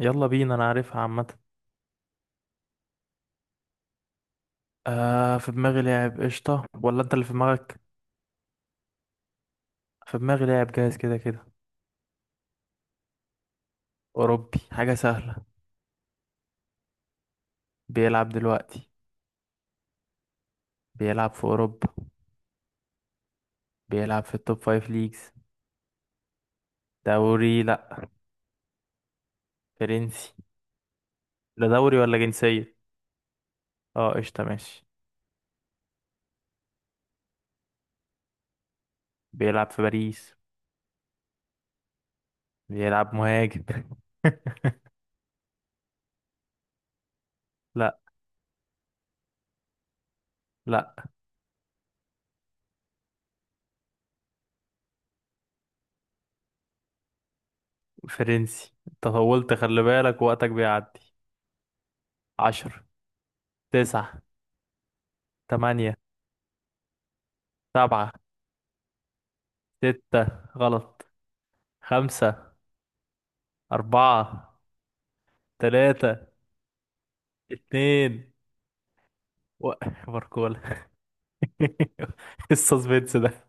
يلا بينا، انا عارفها عامة. في دماغي لاعب، قشطة، ولا انت اللي في دماغك؟ في دماغي لاعب جاهز كده كده. اوروبي، حاجة سهلة. بيلعب دلوقتي. بيلعب في اوروبا. بيلعب في التوب فايف ليجز. دوري، لا. فرنسي. لا دوري ولا جنسية. اه قشطة، ماشي. بيلعب في باريس. بيلعب مهاجم. لا. لا. فرنسي، أنت طولت، خلي بالك وقتك بيعدي. عشر، تسعة، تمانية، سبعة، ستة، غلط، خمسة، أربعة، تلاتة، اتنين، و... باركولا. السسبنس ده.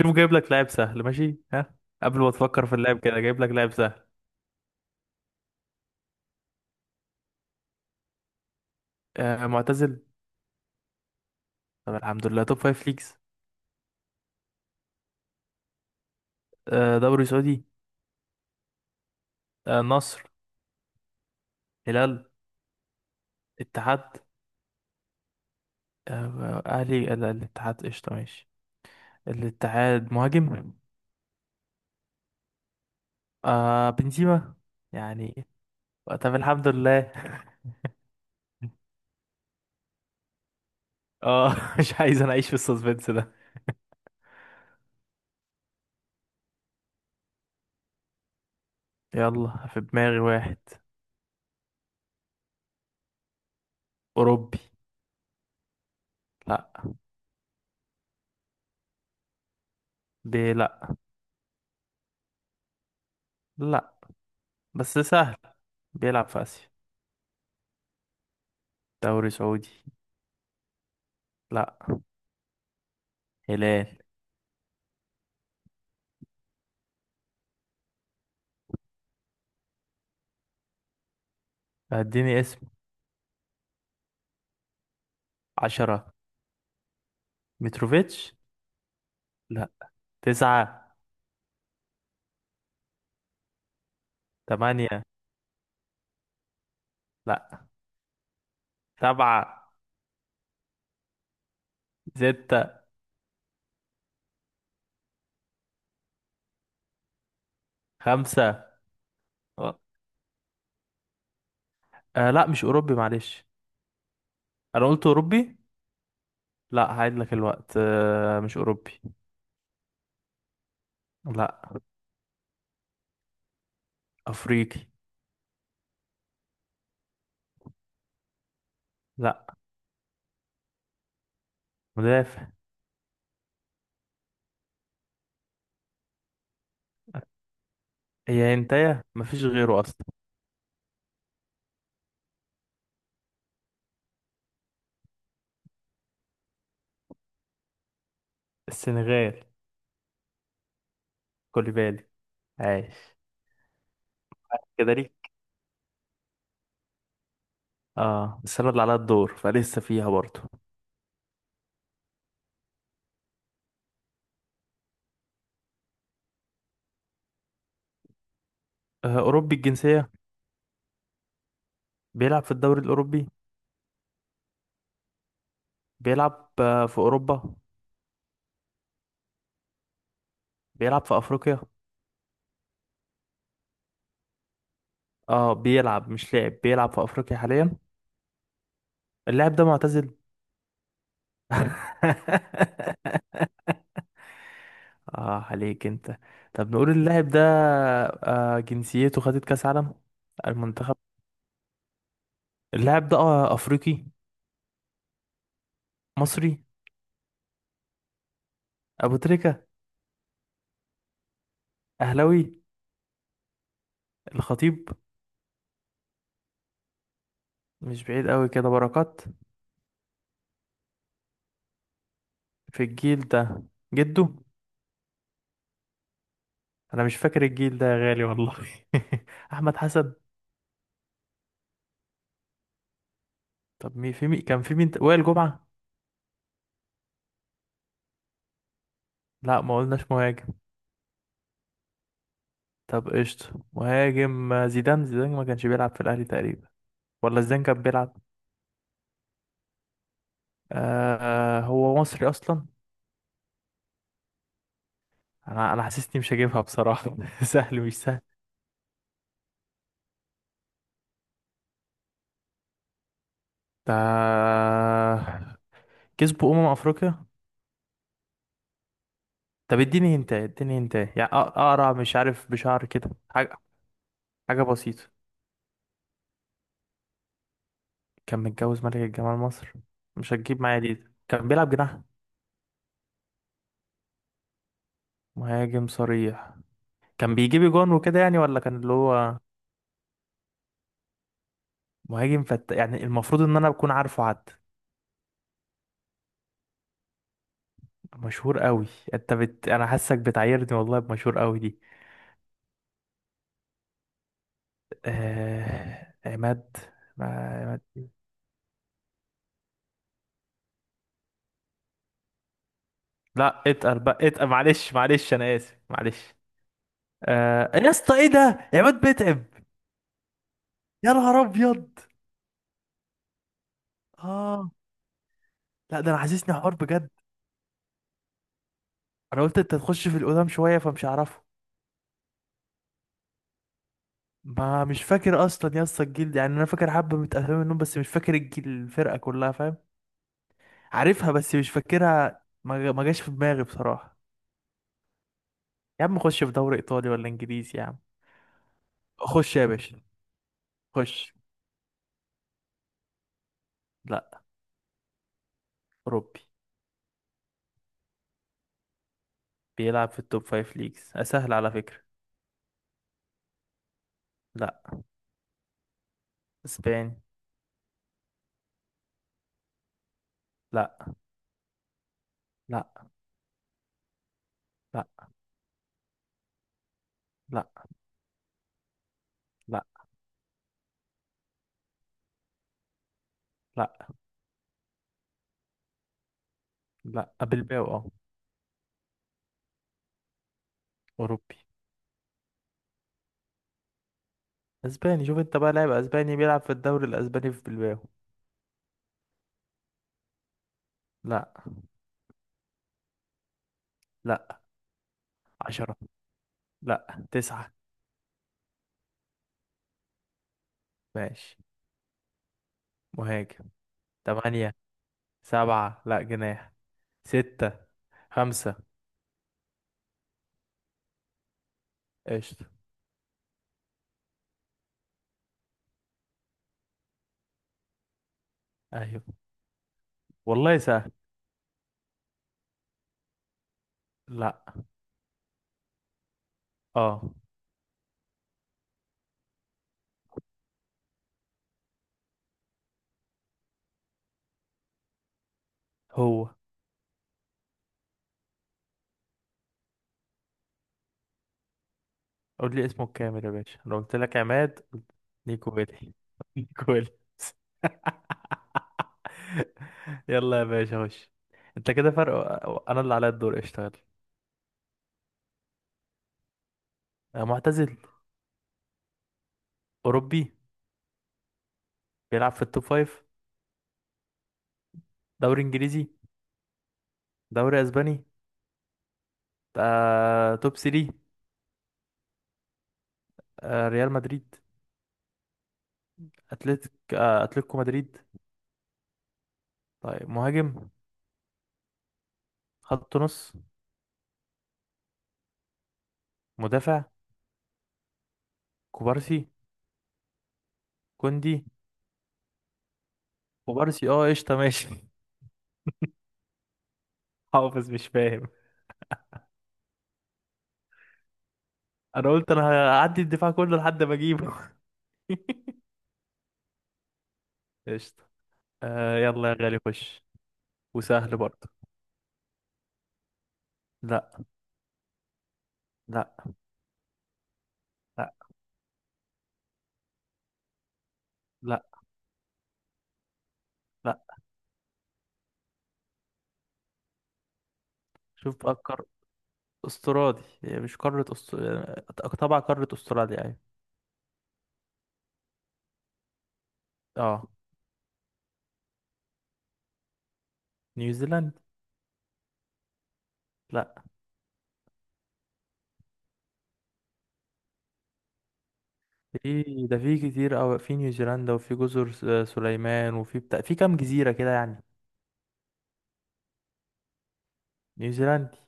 شوف جايب لك لاعب سهل، ماشي، ها؟ قبل ما تفكر في اللاعب كده جايب لك لاعب سهل. معتزل. طب الحمد لله، توب فايف ليجز. دوري سعودي. نصر. هلال. اتحاد. أهلي، لا، الاتحاد قشطة، ماشي. الاتحاد، مهاجم. بنزيما. يعني. طب الحمد لله. اه، مش عايز انا اعيش في السسبنس ده. يلا في دماغي واحد. أوروبي. لا. لا. لا، بس سهل. بيلعب في آسيا. دوري سعودي. لا. هلال. اديني اسم. عشرة. متروفيتش. لا. تسعة. تمانية. لا. سبعة. ستة. خمسة. أه. لا، مش أوروبي، معلش. أنا قلت أوروبي. لا، هعيد لك الوقت، مش أوروبي. لا. أفريقي. لا. مدافع. هي هنتايا، مفيش غيره أصلا. السنغال. كوليبالي. عايش. كده ليك. اه بس انا اللي عليا الدور فلسه فيها برضه. اوروبي الجنسيه. بيلعب في الدوري الاوروبي. بيلعب في اوروبا. بيلعب في افريقيا. اه بيلعب، مش لاعب بيلعب، في افريقيا حاليا. اللاعب ده معتزل. اه، عليك انت. طب نقول اللاعب ده. جنسيته خدت كاس عالم. المنتخب. اللاعب ده افريقي. مصري. ابو تريكة. اهلاوي. الخطيب. مش بعيد قوي كده، بركات. في الجيل ده. جده. انا مش فاكر الجيل ده يا غالي والله. احمد حسن. طب مين، في مين كان، في مين وائل جمعة. لا، ما قلناش مهاجم. طب قشطة، مهاجم، زيدان، زيدان ما كانش بيلعب في الاهلي تقريبا. ولا زيدان كان بيلعب. آه. هو مصري اصلا. انا حاسسني مش هجيبها بصراحة. سهل مش سهل. ده كسبوا افريقيا. طب اديني هنتا، اديني هنتا، يعني اقرع، مش عارف، بشعر كده، حاجة. حاجة بسيطة. كان متجوز ملكة جمال مصر. مش هتجيب معايا دي، كان بيلعب جناح. مهاجم صريح. كان بيجيب جون وكده يعني، ولا كان اللي هو. مهاجم فت، يعني المفروض ان انا بكون عارفه، حد. مشهور قوي. انا حاسك بتعيرني والله بمشهور قوي دي. عماد. ما... عماد. لا اتقل بقى، اتقل، معلش معلش، انا اسف، معلش. يا اسطى ايه ده، عماد بيتعب. يا نهار ابيض. اه. لا ده انا حاسسني حوار بجد. انا قلت انت تخش في القدام شويه فمش هعرفه. ما مش فاكر اصلا يا اسطى الجيل، يعني انا فاكر حبه من اسامي منهم، بس مش فاكر الجيل، الفرقه كلها، فاهم؟ عارفها بس مش فاكرها، ما جاش في دماغي بصراحه. يا عم خش في دوري ايطالي ولا انجليزي يا عم. خش يا باشا، خش. لا. اوروبي. بيلعب في التوب فايف ليجز، اسهل على فكره. لا. اسباني. لا. لا. لا. لا. لا. لا. لا. بلباو، اه. اوروبي. اسباني، شوف انت بقى، لاعب اسباني بيلعب في الدوري الاسباني في بلباو. لا. لا. عشرة. لا، تسعة. ماشي. مهاجم. تمانية. سبعة، لا، جناح. ستة. خمسة. قشطة. أيوة. والله سهل. لا. اه. هو. قول لي اسمه الكامل يا باشا، أنا قلت لك عماد قلت. نيكو ويلي. نيكو ويلي. يلا يا باشا، خش. انت كده فرق، انا اللي عليا الدور اشتغل. معتزل. اوروبي. بيلعب في التوب فايف. دوري انجليزي. دوري اسباني. توب 3. ريال مدريد. اتلتيكو مدريد. طيب مهاجم. خط نص. مدافع. كوبارسي. كوندي. كوبارسي اه قشطة، ماشي. حافظ مش فاهم. انا قلت انا هعدي الدفاع كله لحد ما اجيبه. قشطة. يلا يا غالي، خش. وسهل برضه. لا. لا. لا. لا. لا. شوف بقى القار. استرالي، هي مش قارة طبعا قارة استراليا يعني. اه. نيوزيلاند. لا. في ده، في كتير أوي، في نيوزيلندا، وفي جزر سليمان، وفي بتاع، في كام جزيرة كده يعني. نيوزيلندا.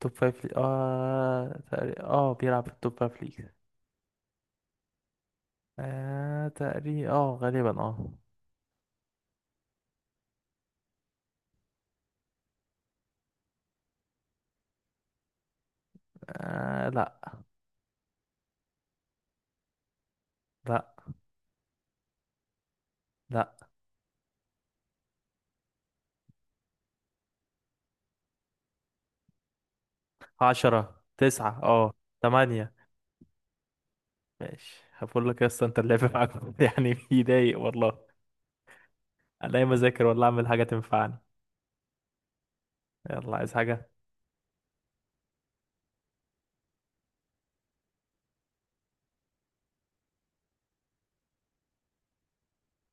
توب فايف ليج اه تقريبا، اه بيلعب في التوب فايف ليج. تقريبا اه، غالبا اه. لا. لا. لا. عشرة، تسعة، اه. تمانية. ماشي، هقول لك يا اسطى، انت اللعب معاك يعني بيضايق والله. انا ايه اذاكر ولا اعمل حاجة تنفعني؟ يلا عايز حاجة.